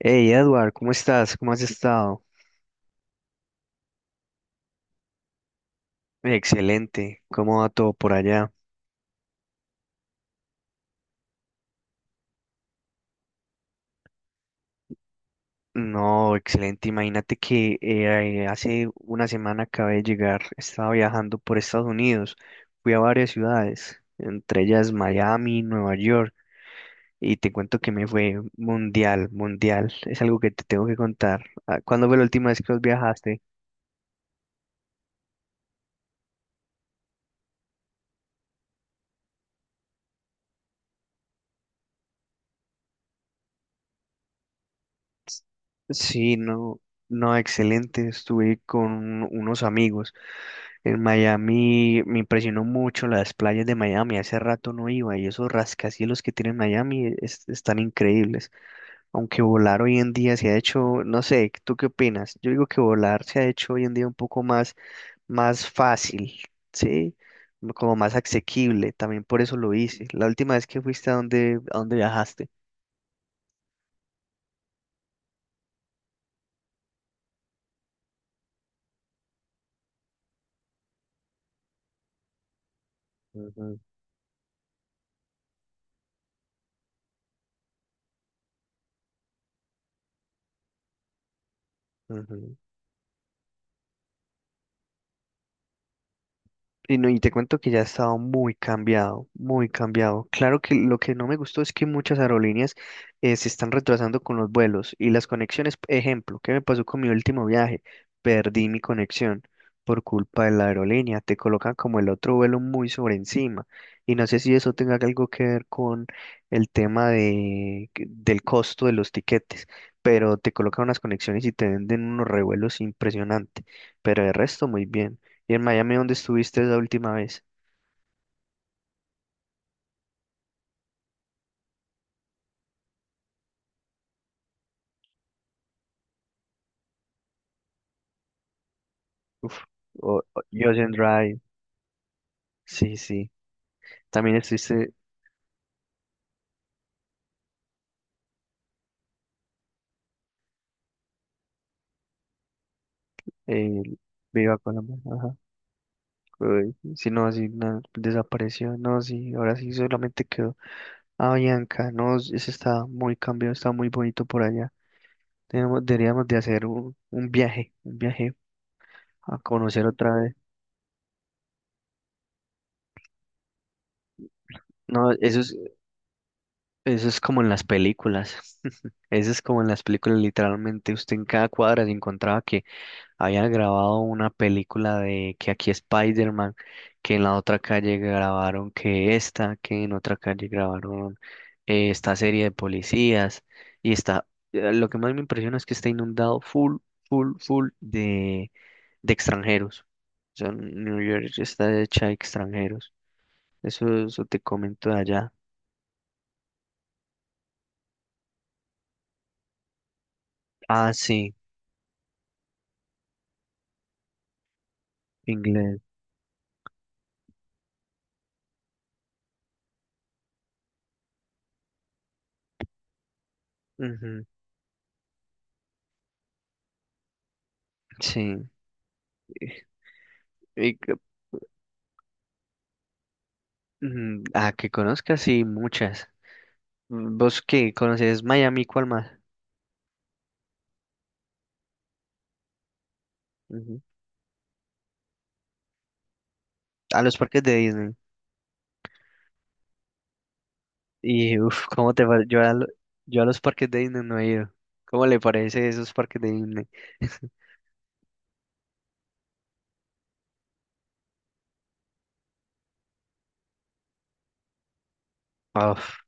Hey Edward, ¿cómo estás? ¿Cómo has estado? Excelente, ¿cómo va todo por allá? No, excelente, imagínate que hace una semana acabé de llegar, estaba viajando por Estados Unidos, fui a varias ciudades, entre ellas Miami, Nueva York, y te cuento que me fue mundial, mundial, es algo que te tengo que contar. Ah, ¿cuándo fue la última vez que vos viajaste? Sí, no, no, excelente, estuve con unos amigos. En Miami me impresionó mucho las playas de Miami, hace rato no iba y esos rascacielos que tiene Miami están increíbles, aunque volar hoy en día se ha hecho, no sé, ¿tú qué opinas? Yo digo que volar se ha hecho hoy en día un poco más fácil, ¿sí? Como más asequible, también por eso lo hice. La última vez que fuiste a dónde viajaste. Ujú, ujú. Y, no, y te cuento que ya ha estado muy cambiado, muy cambiado. Claro que lo que no me gustó es que muchas aerolíneas se están retrasando con los vuelos y las conexiones. Ejemplo, ¿qué me pasó con mi último viaje? Perdí mi conexión por culpa de la aerolínea. Te colocan como el otro vuelo muy sobre encima. Y no sé si eso tenga algo que ver con el tema del costo de los tiquetes, pero te colocan unas conexiones y te venden unos revuelos impresionantes. Pero de resto, muy bien. ¿Y en Miami dónde estuviste la última vez? Uf, o, o- Ocean Drive. Sí, sí. También estuviste eh, Viva Colombia. Ajá. Uy, sí, no, sí, no, desapareció. No, sí, ahora sí solamente quedó Avianca. No, ese está muy cambiado, está muy bonito por allá. Deberíamos de hacer un viaje, un viaje a conocer otra vez. No, eso es como en las películas. Eso es como en las películas, literalmente. Usted en cada cuadra se encontraba que habían grabado una película de que aquí Spider-Man, que en la otra calle grabaron que en otra calle grabaron esta serie de policías. Y está, lo que más me impresiona es que está inundado full, full, full de extranjeros. O sea, New York está hecha de extranjeros. Eso te comento de allá. Ah, sí, inglés. Ujú, sí. Y que- Ujú, ah, que conozcas, sí, muchas. ¿Vos qué? ¿Conoces Miami? ¿Cuál más? Ujú. A los parques de Disney. Y uff, ¿cómo te parece? Yo a los parques de Disney no he ido. ¿Cómo le parece esos parques de Disney? Ah, uf.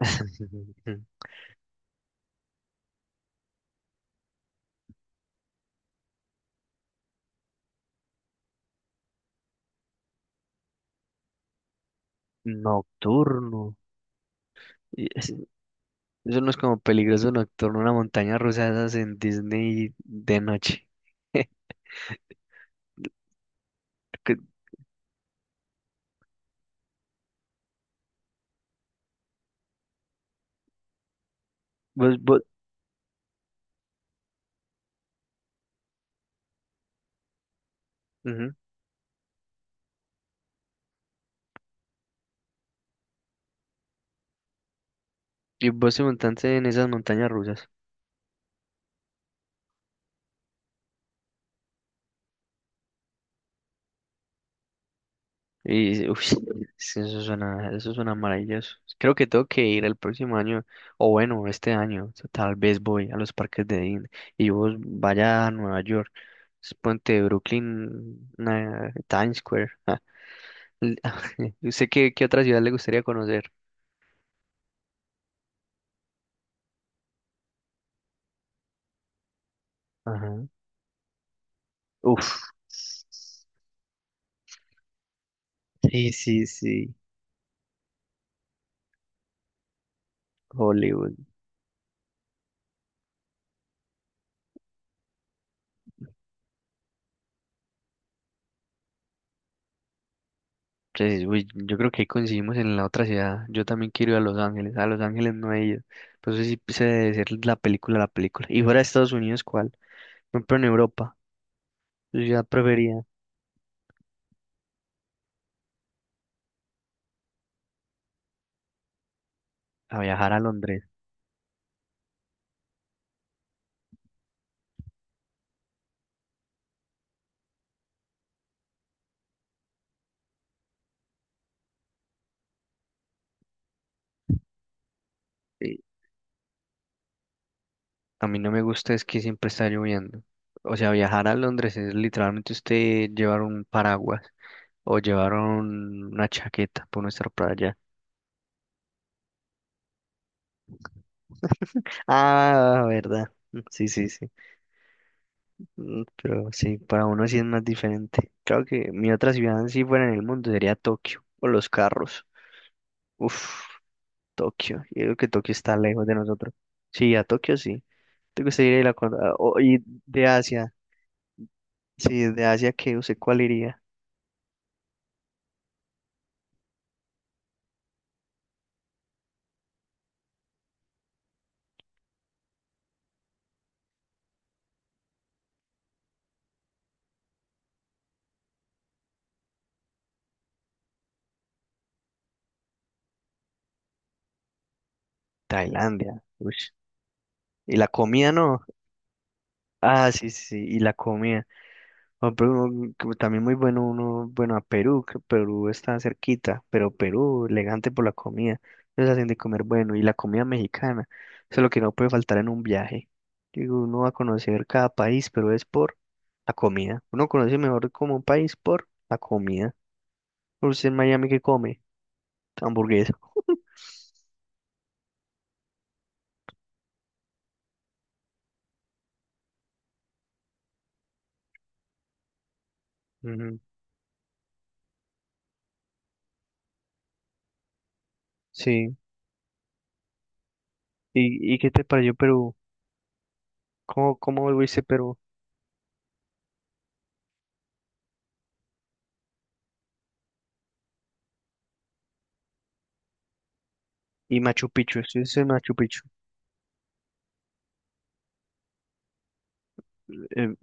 Nocturno. Y es- Eso no es como peligroso nocturno, una montaña rusa de esas en Disney de noche. Que- Vos, vos, ujú. Y vos te montaste en esas montañas rusas. Y, uy, sí, sí, eso suena maravilloso. Creo que tengo que ir el próximo año, o bueno, este año, tal vez voy a los parques de Disney y vos vaya a Nueva York, es puente de Brooklyn, Times Square. L- ¿Usted qué otra ciudad le gustaría conocer? Ajá. Uf. Sí, sí, sí. Hollywood. Entonces, uy, yo creo que ahí coincidimos en la otra ciudad. Yo también quiero ir a Los Ángeles. A Los Ángeles no he ido. Pues eso sí se debe ser la película, la película. Y fuera de Estados Unidos, ¿cuál? Por ejemplo, en Europa. Yo ya prefería a viajar a Londres. Sí, a mí no me gusta es que siempre está lloviendo. O sea, viajar a Londres es literalmente usted llevar un paraguas o llevar una chaqueta por no estar para allá. Ah, verdad. Sí, sí, sí. Pero sí, para uno sí es más diferente. Claro que mi otra ciudad, si fuera en el mundo, sería Tokio, o los carros. Uf, Tokio. Yo creo que Tokio está lejos de nosotros. Sí, a Tokio sí. ¿Te gustaría ir a cu- a- o- y de Asia? Sí, de Asia, ¿qué? ¿Usted cuál iría? Tailandia. Ush. Y la comida no. Ah, sí, sí, sí, y la comida. Ah, pero que también muy bueno, uno, bueno, a Perú, que Perú está cerquita, pero Perú, elegante por la comida, ellos hacen de comer bueno, y la comida mexicana, eso es lo que no puede faltar en un viaje. Digo, uno va a conocer cada país, pero es por la comida. Uno conoce mejor como un país por la comida. Usted en Miami, ¿qué come? Hamburguesa. Ujú, sí. ¿Y qué te pareció Perú? ¿Cómo viste Perú? Y Machu Picchu, ¿estuviste en Machu Picchu? Eh,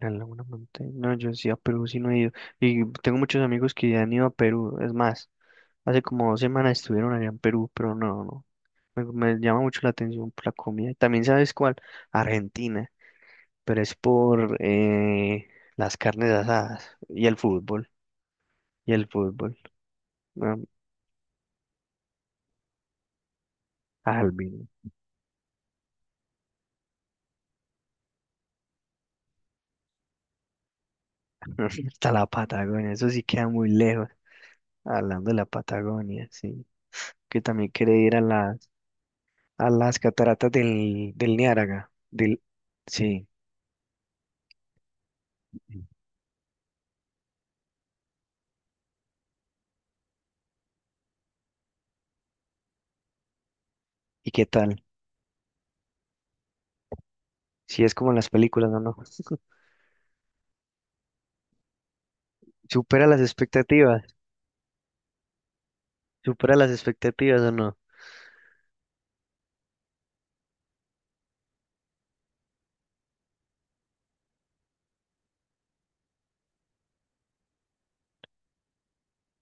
A Laguna Montaña. No, yo sí a Perú sí no he ido. Y tengo muchos amigos que han ido a Perú. Es más, hace como 2 semanas estuvieron allá en Perú, pero no, no. Me llama mucho la atención por la comida. También sabes cuál, Argentina, pero es por las carnes asadas y el fútbol. Y el fútbol. No, Alvin. Hasta la Patagonia. Eso sí queda muy lejos. Hablando de la Patagonia, sí. Que también quiere ir a las, cataratas del Niágara. Del, sí. ¿Y qué tal? Si es como en las películas, ¿o no? ¿Supera las expectativas? ¿Supera las expectativas o no?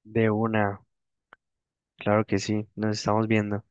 De una, claro que sí, nos estamos viendo.